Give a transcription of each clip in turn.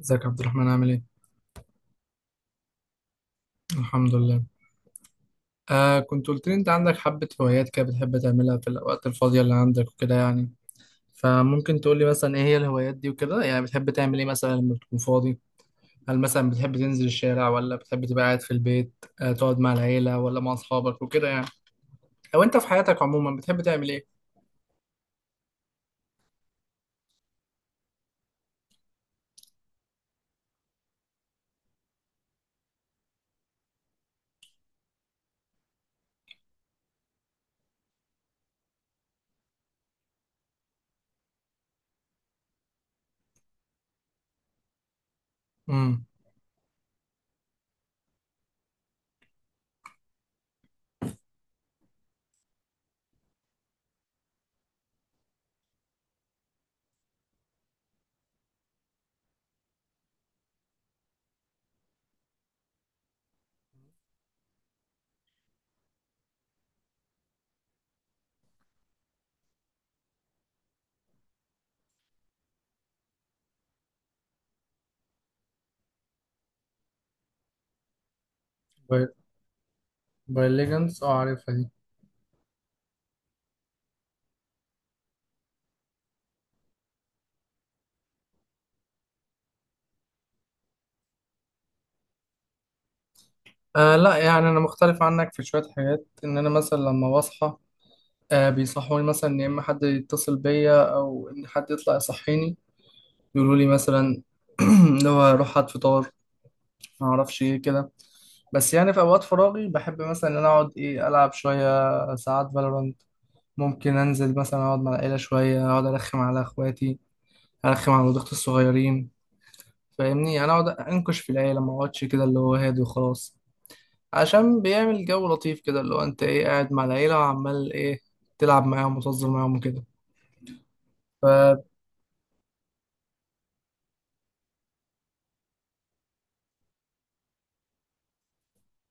ازيك يا عبد الرحمن عامل ايه؟ الحمد لله. آه، كنت قلت لي انت عندك حبة هوايات كده بتحب تعملها في الأوقات الفاضية اللي عندك وكده يعني. فممكن تقول لي مثلا ايه هي الهوايات دي وكده؟ يعني بتحب تعمل ايه مثلا لما بتكون فاضي؟ هل مثلا بتحب تنزل الشارع ولا بتحب تبقى قاعد في البيت، آه، تقعد مع العيلة ولا مع أصحابك وكده يعني؟ أو انت في حياتك عموما بتحب تعمل ايه؟ امم موبايل ليجندز، اه عارفها دي. آه، لا يعني انا مختلف عنك في شوية حاجات، ان انا مثلا لما بصحى، بيصحوني مثلا إن يا إما حد يتصل بيا أو إن حد يطلع يصحيني، يقولوا لي مثلا اللي هو روح هات فطار ما أعرفش إيه كده. بس يعني في أوقات فراغي بحب مثلا إن أنا أقعد، إيه، ألعب شوية ساعات فالورانت. ممكن أنزل مثلا أقعد مع العيلة شوية، أقعد أرخم على إخواتي، أرخم على ولاد أختي الصغيرين. فاهمني، أنا أقعد أنكش في العيلة، ما أقعدش كده اللي هو هادي وخلاص، عشان بيعمل جو لطيف كده، اللي هو أنت إيه قاعد مع العيلة وعمال إيه، تلعب معاهم وتهزر معاهم وكده.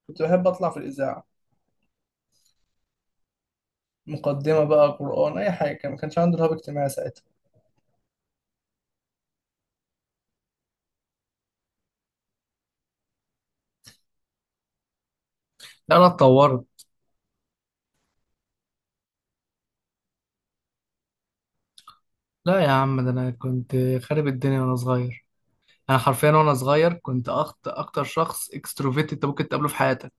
كنت بحب اطلع في الاذاعه. مقدمه بقى، قران، اي حاجه. ما كانش عندي رهاب اجتماعي ساعتها. لا انا اتطورت. لا يا عم، ده انا كنت خارب الدنيا وانا صغير. انا حرفيا وانا صغير كنت أخت اكتر شخص اكستروفيت انت ممكن تقابله في حياتك.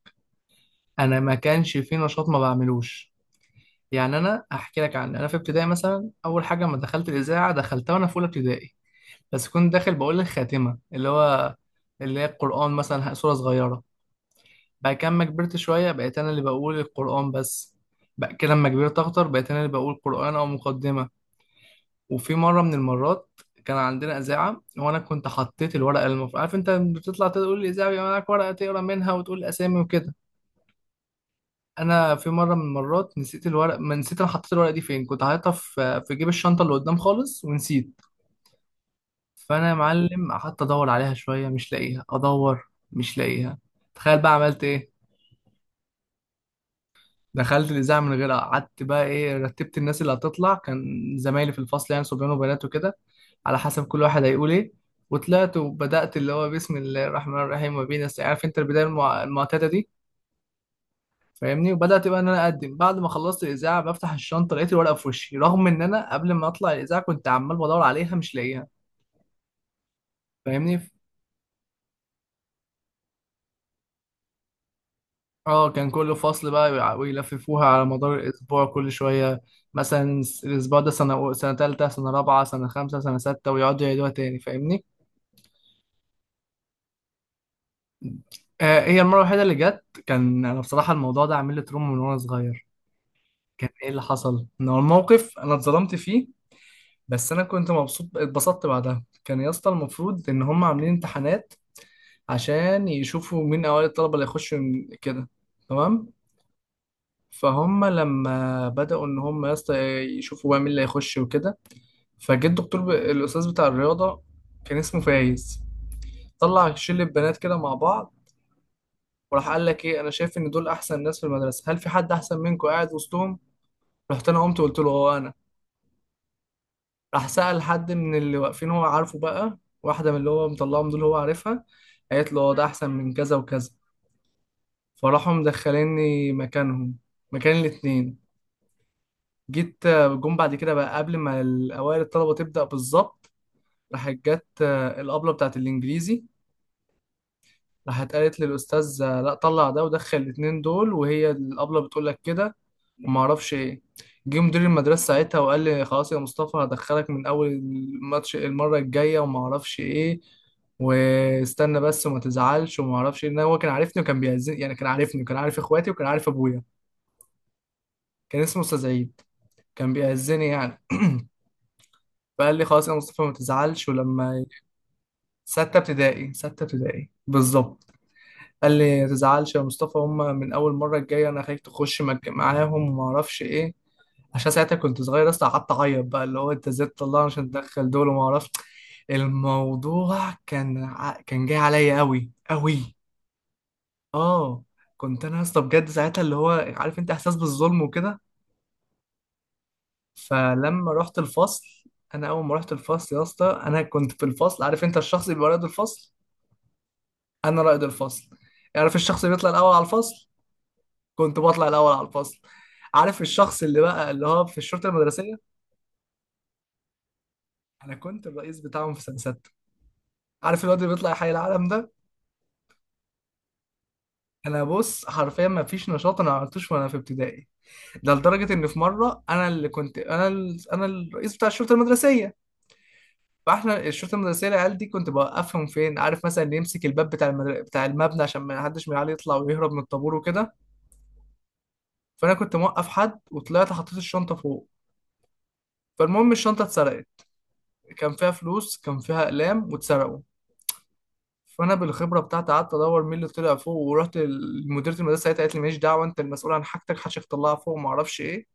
انا ما كانش في نشاط ما بعملوش. يعني انا احكي لك، عن انا في ابتدائي مثلا اول حاجه لما دخلت الاذاعه دخلتها وانا في اولى ابتدائي، بس كنت داخل بقول الخاتمه، اللي هو اللي هي القران، مثلا سوره صغيره. بعد كده لما كبرت شوية بقيت أنا اللي بقول القرآن بس. بعد كده لما كبرت أكتر بقيت أنا اللي بقول قرآن أو مقدمة. وفي مرة من المرات كان عندنا إذاعة وأنا كنت حطيت الورقة، المفروض عارف أنت لما بتطلع تقول الإذاعة بيبقى معاك ورقة تقرا منها وتقول أسامي وكده. أنا في مرة من المرات نسيت الورق، ما نسيت، أنا حطيت الورقة دي فين، كنت حاططها في جيب الشنطة اللي قدام خالص ونسيت. فأنا يا معلم قعدت أدور عليها شوية مش لاقيها، أدور مش لاقيها. تخيل بقى عملت إيه. دخلت الاذاعه من غيرها، قعدت بقى ايه، رتبت الناس اللي هتطلع، كان زمايلي في الفصل يعني صبيان وبنات وكده، على حسب كل واحد هيقول ايه. وطلعت وبدات اللي هو بسم الله الرحمن الرحيم وبينا نستعين، عارف انت البدايه المعتاده دي. فاهمني، وبدات بقى ان انا اقدم. بعد ما خلصت الاذاعه بفتح الشنطه لقيت الورقه في وشي، رغم ان انا قبل ما اطلع الاذاعه كنت عمال بدور عليها مش لاقيها. فاهمني. اه، كان كل فصل بقى ويلففوها على مدار الأسبوع كل شوية، مثلا الأسبوع ده سنة سنة تالتة، سنة رابعة، سنة خمسة، سنة ستة، ويقعدوا يعيدوها تاني، فاهمني؟ آه، هي المرة الوحيدة اللي جت، كان أنا بصراحة الموضوع ده عامل لي تروما من وأنا صغير. كان إيه اللي حصل؟ إن هو الموقف أنا اتظلمت فيه، بس أنا كنت مبسوط، اتبسطت بعدها. كان يا اسطى المفروض إن هم عاملين امتحانات عشان يشوفوا مين أوائل الطلبة اللي يخشوا كده، تمام؟ فهم لما بدأوا إن هم يا اسطى يشوفوا بقى مين اللي هيخش وكده، فجه الدكتور الاستاذ بتاع الرياضه، كان اسمه فايز، طلع شله بنات كده مع بعض، وراح قال لك ايه، انا شايف ان دول احسن ناس في المدرسه، هل في حد احسن منكم قاعد وسطهم؟ رحت انا قمت قلت له هو انا. راح سأل حد من اللي واقفين هو عارفه بقى، واحده من اللي هو مطلعهم دول هو عارفها، قالت له اه ده احسن من كذا وكذا، فراحوا مدخليني مكانهم، مكان الاتنين. جيت، جم بعد كده بقى قبل ما الاوائل الطلبه تبدأ بالظبط، راحت جت، الابله بتاعت الانجليزي، راحت قالت للاستاذ لا طلع ده ودخل الاتنين دول، وهي الابله بتقول لك كده وما اعرفش ايه. جه مدير المدرسه ساعتها وقال لي خلاص يا مصطفى هدخلك من اول الماتش المره الجايه وما اعرفش ايه، واستنى بس وما تزعلش وما اعرفش ايه. إن هو كان عارفني وكان بيأذني، يعني كان عارفني وكان عارف اخواتي وكان عارف ابويا، كان اسمه استاذ عيد، كان بيأذني يعني. فقال لي خلاص يا مصطفى ما تزعلش، ولما ستة ابتدائي، ستة ابتدائي بالظبط. قال لي ما تزعلش يا مصطفى هم من اول مره الجايه، انا خايف تخش معاهم وما اعرفش ايه. عشان ساعتها كنت صغير اصلا، قعدت اعيط بقى، اللي هو انت ازاي تطلعني عشان تدخل دول وما اعرفش. الموضوع كان كان جاي عليا قوي قوي. اه، كنت انا اصلا بجد ساعتها اللي هو، عارف انت احساس بالظلم وكده. فلما رحت الفصل، انا اول ما رحت الفصل يا اسطى انا كنت في الفصل، عارف انت الشخص اللي بيبقى رائد الفصل، انا رائد الفصل. عارف الشخص اللي بيطلع الاول على الفصل، كنت بطلع الاول على الفصل. عارف الشخص اللي بقى اللي هو في الشرطه المدرسيه، انا كنت الرئيس بتاعهم في سنه سته. عارف الواد اللي بيطلع حي العالم ده، انا بص حرفيا ما فيش نشاط انا ما عملتوش وانا في ابتدائي. ده لدرجه ان في مره انا اللي كنت انا انا الرئيس بتاع الشرطه المدرسيه، فاحنا الشرطه المدرسيه العيال دي كنت بوقفهم فين، عارف مثلا اللي يمسك الباب بتاع بتاع المبنى عشان ما حدش من العيال يطلع ويهرب من الطابور وكده. فانا كنت موقف حد وطلعت حطيت الشنطه فوق، فالمهم الشنطه اتسرقت، كان فيها فلوس كان فيها اقلام واتسرقوا. فانا بالخبره بتاعتي قعدت ادور مين اللي طلع فوق، ورحت لمديره المدرسه ساعتها قالت لي ماليش دعوه انت المسؤول عن حاجتك، حشك طلعها فوق، ما اعرفش ايه.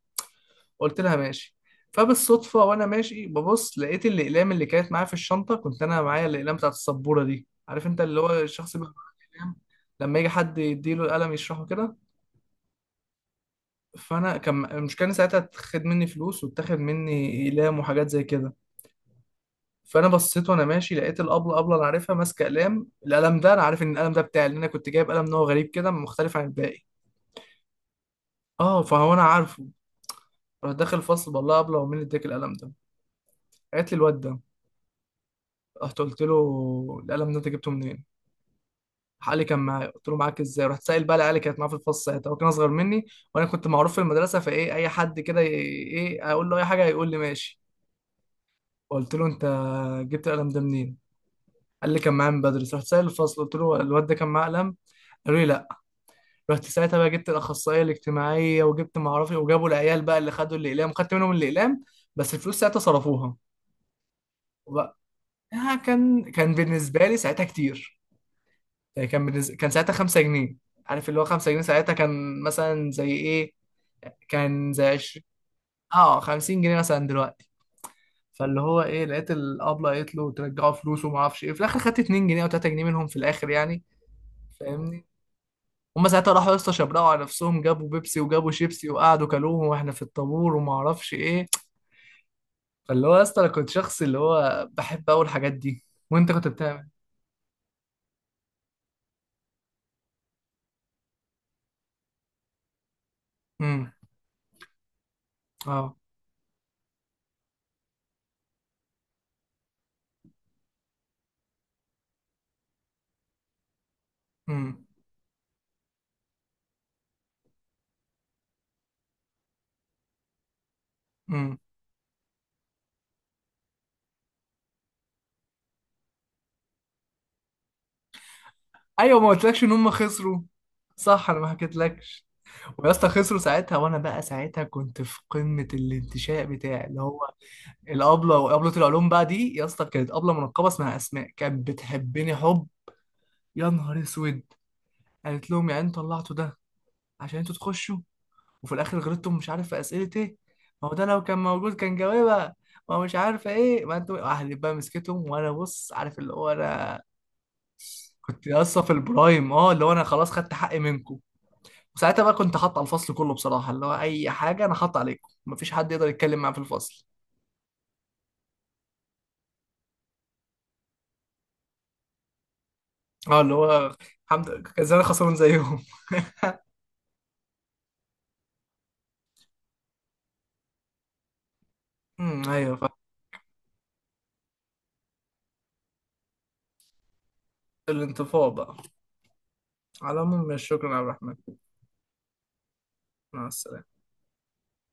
قلت لها ماشي. فبالصدفه وانا ماشي ببص لقيت الاقلام اللي كانت معايا في الشنطه، كنت انا معايا الاقلام بتاعت السبوره دي، عارف انت اللي هو الشخص اللي بيبقى معاه الأقلام لما يجي حد يديله القلم يشرحه كده. فانا كان المشكله إن ساعتها اتخد مني فلوس واتاخد مني اقلام وحاجات زي كده. فانا بصيت وانا ماشي لقيت الابله، ابله انا عارفها، ماسكه قلم، القلم ده انا عارف ان القلم ده بتاعي لان انا كنت جايب قلم نوع غريب كده مختلف عن الباقي. اه فهو انا عارفه. رحت داخل الفصل بقول لها ابله هو مين اللي اداك القلم ده، قالت لي الواد ده. رحت قلت له القلم ده انت جبته منين؟ راح قال لي كان معايا، قلت له معاك ازاي؟ رحت سائل بقى العيال اللي كانت معاه في الفصل، ساعتها هو كان اصغر مني، وانا كنت معروف في المدرسه، فايه اي حد كده ايه اقول له اي حاجه هيقول لي ماشي. قلت له انت جبت القلم ده منين؟ قال لي كان معايا من بدري. رحت سائل الفصل، قلت له الواد ده كان معاه قلم؟ قالوا لي لا. رحت ساعتها بقى جبت الاخصائيه الاجتماعيه وجبت ما اعرفش إيه، وجابوا العيال بقى اللي خدوا الاقلام، خدت منهم الاقلام، بس الفلوس ساعتها صرفوها. وبقى آه، كان كان بالنسبه لي ساعتها كتير، يعني كان بالنسبة كان ساعتها 5 جنيه. عارف اللي هو 5 جنيه ساعتها كان مثلا زي ايه؟ كان زي 20. اه 50 جنيه مثلا دلوقتي. فاللي هو ايه، لقيت الابله قالت له ترجعوا فلوسه وما اعرفش ايه، في الاخر خدت 2 جنيه او 3 جنيه منهم في الاخر يعني. فاهمني، هما ساعتها راحوا يا اسطى شبرقوا على نفسهم، جابوا بيبسي وجابوا شيبسي وقعدوا كلوهم واحنا في الطابور وما اعرفش ايه. فاللي هو يا اسطى انا كنت شخص اللي هو بحب اول الحاجات دي. وانت كنت بتعمل امم اه امم امم ايوه. ما قلتلكش ان هم خسروا؟ صح، انا ما حكيتلكش. ويا اسطى خسروا ساعتها، وانا بقى ساعتها كنت في قمه الانتشاء بتاعي، اللي هو الابله وابله العلوم بقى دي يا اسطى، كانت ابله منقبه اسمها اسماء كانت بتحبني حب، يا نهار اسود، قالت لهم يعني انتوا طلعتوا ده عشان انتوا تخشوا وفي الاخر غلطتم مش عارف في اسئله ايه، ما هو ده لو كان موجود كان جاوبها، ما هو مش عارفه ايه، ما انتوا اهلي بقى. مسكتهم وانا بص، عارف اللي هو انا كنت لسه في البرايم، اه اللي هو انا خلاص خدت حقي منكم. وساعتها بقى كنت حاطط على الفصل كله بصراحه، اللي هو اي حاجه انا حاطط عليكم، مفيش حد يقدر يتكلم معاه في الفصل. اه اللي هو الحمد لله كان زمان خسران زيهم. ايوه فاهم. الانطفاء بقى. على العموم شكرا عبد الرحمن، مع السلامه.